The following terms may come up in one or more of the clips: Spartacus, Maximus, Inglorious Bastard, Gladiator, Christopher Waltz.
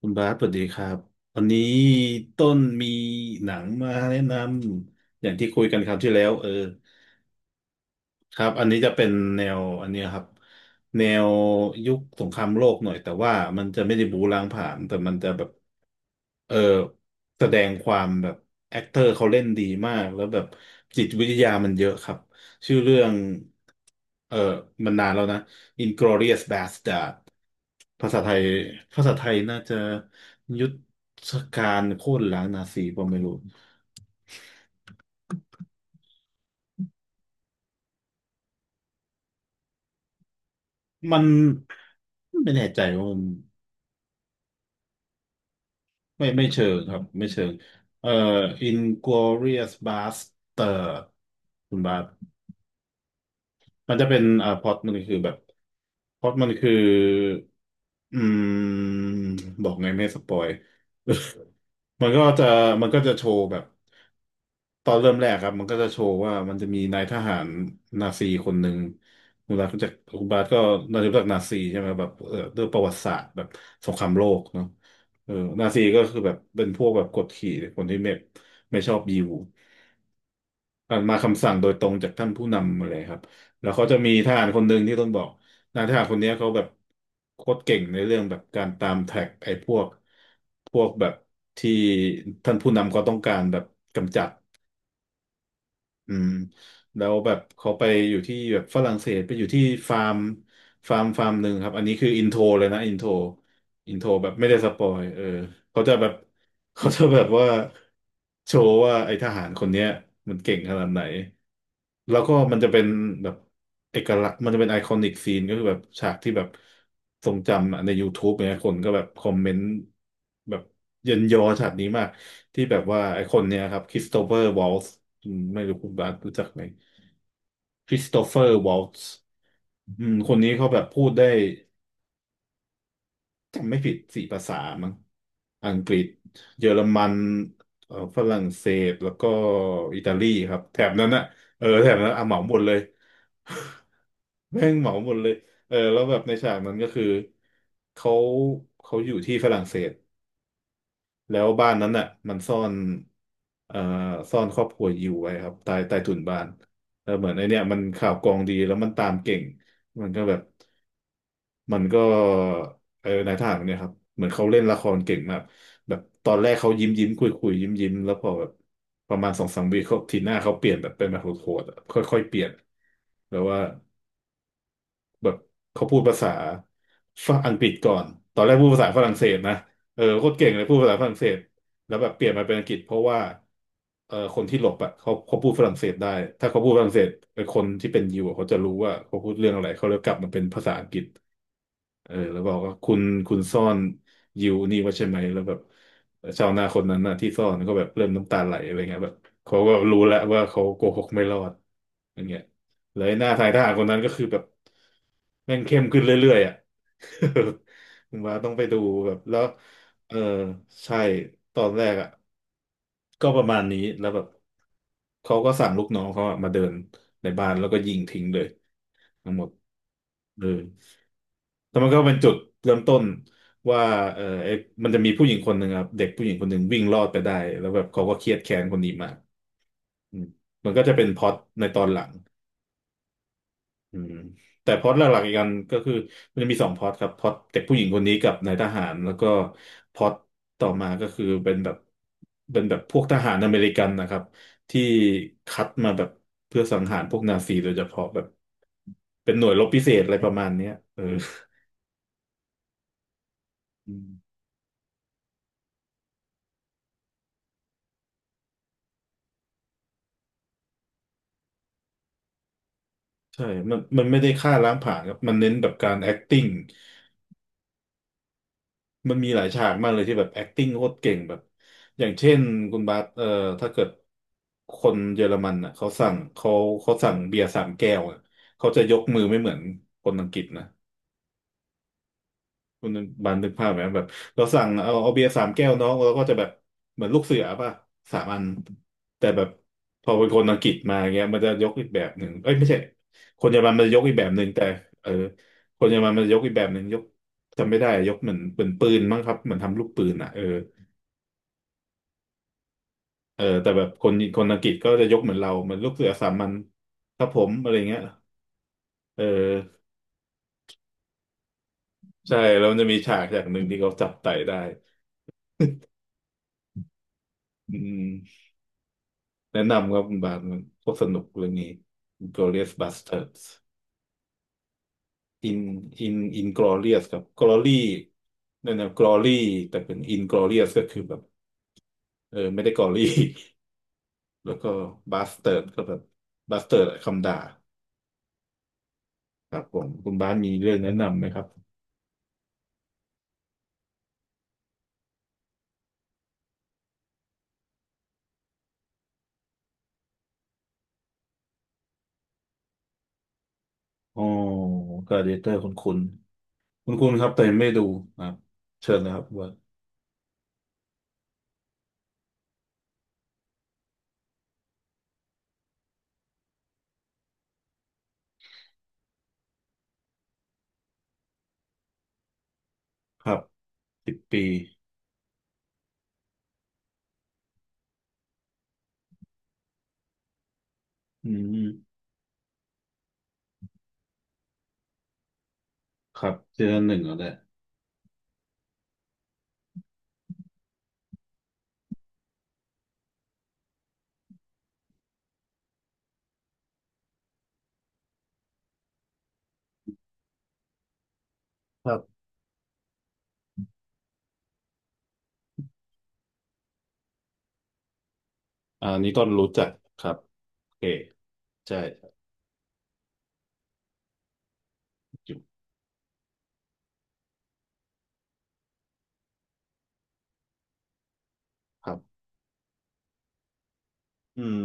คุณบาสสวัสดีครับวันนี้ต้นมีหนังมาแนะนำอย่างที่คุยกันคราวที่แล้วครับอันนี้จะเป็นแนวอันเนี้ยครับแนวยุคสงครามโลกหน่อยแต่ว่ามันจะไม่ได้บู๊ล้างผลาญแต่มันจะแบบเออแสดงความแบบแอคเตอร์เขาเล่นดีมากแล้วแบบจิตวิทยามันเยอะครับชื่อเรื่องเออมันนานแล้วนะ i n g l o r i o u s Bastard ภาษาไทยภาษาไทยน่าจะยุทธการโค่นล้างนาซีผมไม่รู้มันไม่แน่ใจว่ามันไม่เชิงครับไม่เชิงเอ่อ Inglorious Bastard คุณบาสมันจะเป็นพล็อตมันคือแบบพล็อตมันคืออืมบอกไงไม่ให้สปอย มันก็จะมันก็จะโชว์แบบตอนเริ่มแรกครับมันก็จะโชว์ว่ามันจะมีนายทหารนาซีคนหนึ่งคุณบาสรู้จักคุณบาสก็น่าจะรู้จักนาซีใช่ไหมแบบด้วยประวัติศาสตร์แบบสงครามโลกเนาะเออนาซีก็คือแบบเป็นพวกแบบกดขี่คนที่ไม่ชอบยิว มาคำสั่งโดยตรงจากท่านผู้นำอะไรครับแล้วเขาจะมีทหารคนหนึ่งที่ต้องบอกนายทหารคนเนี้ยเขาแบบโคตรเก่งในเรื่องแบบการตามแท็กไอ้พวกแบบที่ท่านผู้นำเขาต้องการแบบกำจัด อืมแล้วแบบเขาไปอยู่ที่แบบฝรั่งเศสไปอยู่ที่ฟาร์มฟาร์มหนึ่งครับอันนี้คืออินโทรเลยนะอินโทรแบบไม่ได้สปอยเขาจะแบบ เขาจะแบบว่าโชว์ว่าไอ้ทหารคนเนี้ยมันเก่งขนาดไหนแล้วก็มันจะเป็นแบบเอกลักษณ์มันจะเป็นไอคอนิกซีนก็คือแบบฉากที่แบบทรงจำอะใน YouTube เนี่ยคนก็แบบคอมเมนต์แบบเยินยอฉากนี้มาก ที่แบบว่าไอ้คนเนี้ยครับคริสโตเฟอร์วอลซ์ไม่รู้คุณบาสรู้จักไหมคริสโตเฟอร์วอลซ์อืมคนนี้เขาแบบพูดได้จำไม่ผิด4 ภาษามั้งอังกฤษเยอรมันฝรั่งเศสแล้วก็อิตาลีครับแถบนั้นอะเออแถบนั้นอ่ะเหมาหมดเลย แม่งเหมาหมดเลยเออแล้วแบบในฉากนั้นก็คือเขาเขาอยู่ที่ฝรั่งเศส แล้วบ้านนั้นน่ะมันซ่อนเอ่อซ่อนครอบครัวยิวไว้ครับใต้ถุนบ้านแล้วเหมือนไอเนี่ยมันข่าวกรองดีแล้วมันตามเก่ง มันก็แบบมันก็เออนายทหารคนเนี่ยครับเหมือนเขาเล่นละครเก่งมากแบบตอนแรกเขายิ้มยิ้มคุยคุยยิ้มยิ้มแล้วพอแบบประมาณสองสามวีเขาทีหน้าเขาเปลี่ยนแบบเป็นแบบโหดๆอะค่อยๆ เปลี่ยนแล้วว่า แบบเขาพูดภาษาฝั่งอังกฤษก่อน ตอนแรกพูดภาษาฝรั่งเศสนะโคตรเก่งเลยพูดภาษาฝรั่งเศสแล้วแบบเปลี่ยนมาเป็นอังกฤษเพราะว่าคนที่หลบอ่ะเขาพูดฝรั่งเศสได้ถ้าเขาพูดฝรั่งเศสคนที่เป็นยิวอะเขาจะรู้ว่าเขาพูดเรื่องอะไรเขาเลยกลับมาเป็นภาษาอังกฤษ เออแล้วบอกว่าคุณซ่อนยิวนี่ไว่าใช่ไหมแล้วแบบชาวนาคนนั้นน่ะที่ซ่อนก็แบบเริ่มน้ำตาไหลอะไรเงี้ยแบบเขาก็รู้แล้วว่าเขาโกหกไม่รอดอย่างเงี้ยเลยหน้าทายทหารคนนั้นก็คือแบบแม่งเข้มขึ้นเรื่อยๆอ่ะ ผมว่าต้องไปดูแบบแล้วเออใช่ตอนแรกอ่ะก็ประมาณนี้แล้วแบบเขาก็สั่งลูกน้องเขาอะมาเดินในบ้านแล้วก็ยิงทิ้งเลยทั้งหมดเออ แล้วมันก็เป็นจุดเริ่มต้นว่าไอ้มันจะมีผู้หญิงคนหนึ่งครับเด็กผู้หญิงคนหนึ่งวิ่งรอดไปได้แล้วแบบเขาก็เครียดแค้นคนนี้มากอืมมันก็จะเป็นพล็อตในตอนหลังอืมแต่พล็อตหลักๆอีกอันก็คือมันจะมี2 พล็อตครับพล็อตเด็กผู้หญิงคนนี้กับนายทหารแล้วก็พล็อตต่อมาก็คือเป็นแบบพวกทหารอเมริกันนะครับที่คัดมาแบบเพื่อสังหารพวกนาซีโดยเฉพาะแบบเป็นหน่วยรบพิเศษอะไรประมาณเนี้ยอืม ใช่มันไม่ได้ฆ่าล้างผลาญครับ มันเน้นแบบการ acting มันมีหลายฉากมากเลยที่แบบ acting โคตรเก่งแบบ อย่างเช่นคุณบาสถ้าเกิดคนเยอรมันอ่ะเขาสั่งเขาเขาสั่งเบียร์3 แก้วอะเขาจะยกมือไม่เหมือนคนอังกฤษนะ คุณบันนึกภาพไหมแบบเราสั่งเอาเบียร์3 แก้วน้องเราก็จะแบบเหมือนลูกเสือป่ะ3 อันแต่แบบพอเป็นคนอังกฤษมาเงี้ยมันจะยกอีกแบบหนึ่งเอ้ยไม่ใช่คนเยอรมันมันจะยกอีกแบบหนึ่งแต่เออคนเยอรมันมันจะยกอีกแบบหนึ่งยกจำไม่ได้ยกเหมือนเป็นปืนมั้งครับเหมือนทำลูกปืนอ่ะเออเออแต่แบบคนอังกฤษก็จะยกเหมือนเราเหมือนลูกเสือสามัญครับผมอะไรเงี้ยเออใช่แล้วมันจะมีฉากหนึ่งที่เขาจับไต่ได้อืม แนะนำครับคุณบาทมันก็สนุกเรื่องนี้ Glorious Bastards In In Inglorious ครับ Glory นั่นนะ Glory แต่เป็น Inglorious ก็คือแบบเออไม่ได้ Glory แล้วก็ Bastard ก็แบบ Bastard คำด่าครับผมคุณบ้านมีเรื่องแนะนำไหมครับอ๋อ Gladiator คุณครับแต่ไม่ดูครับเชิญนะครับว่าครับ10 ปีอืมครับซีซั่นหนึ่งแล้วแหละครับอ่านี้ต้นรู้จักครับโอเค ใช่อยู่ครับอืม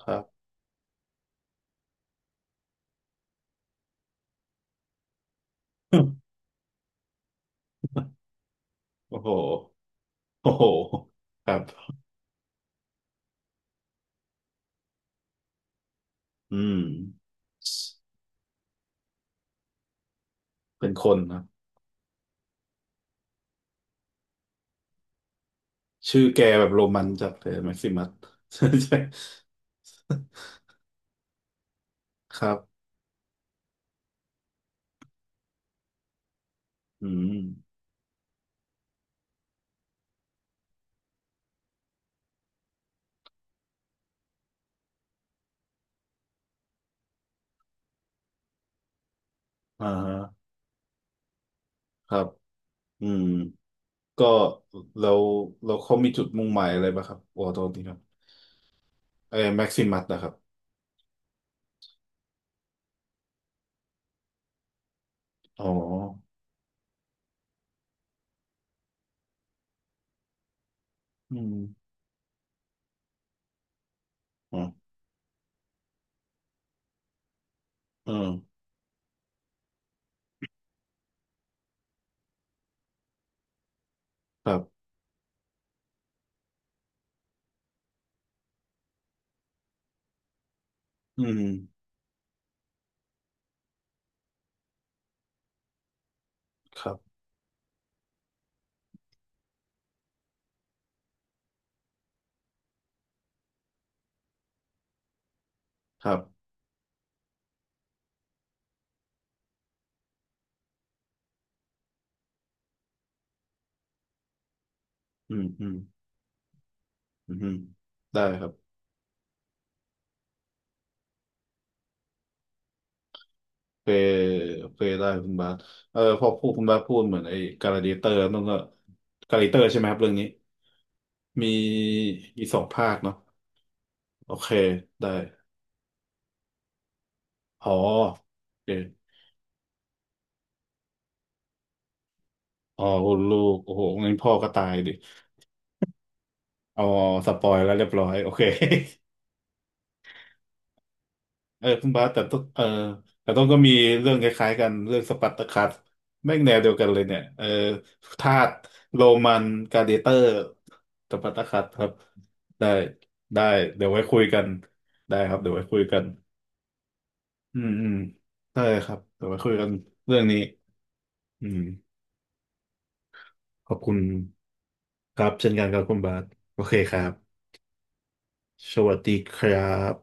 ครับ โอ้โหโอ้โหครับอืมเป็นคนนะชื่อแกแบบโรมันจัดเลยแม็กซิมัส ใช่ใช่ครับอืมอ่าฮะครับอืมก็แล้วแล้วเขามีจุดมุ่งหมายอะไรบ้างครับโอ้ตอนนี้ครับไอ้แม็กซิมัสนะครับอ๋ออืมอ๋อเออครับอืมครับครับอืมอืมอืมได้ครับ เคยเคยได้คุณบาสเออพอพูดคุณบาสพูดเหมือนไอ้การาเดิเตอร์นั่นก็การาเดิเตอร์ใช่ไหมครับเรื่องนี้มีมีสองภาคเนาะโอเคได้อ๋อโอเคอ๋อคุณลูกโอ้โหงั้นพ่อก็ตายดิเอาสปอยแล้วเรียบร้อยโอเค เออคุณบาสแต่ต้องเออแต่ต้องก็มีเรื่องคล้ายๆกันเรื่องสปัร์ตาคัสแม่งแนวเดียวกันเลยเนี่ยเออทาสโรมันกลาดิเตอร์สปัร์ตาคัสครับได้ได้เดี๋ยวไว้คุยกันได้ครับเดี๋ยวไว้คุยกันอืมอืมได้ครับเดี๋ยวไว้คุยกันเรื่องนี้อืมขอบคุณครับเช่นกันครับคุณบาสโอเคครับสวัสดีครับ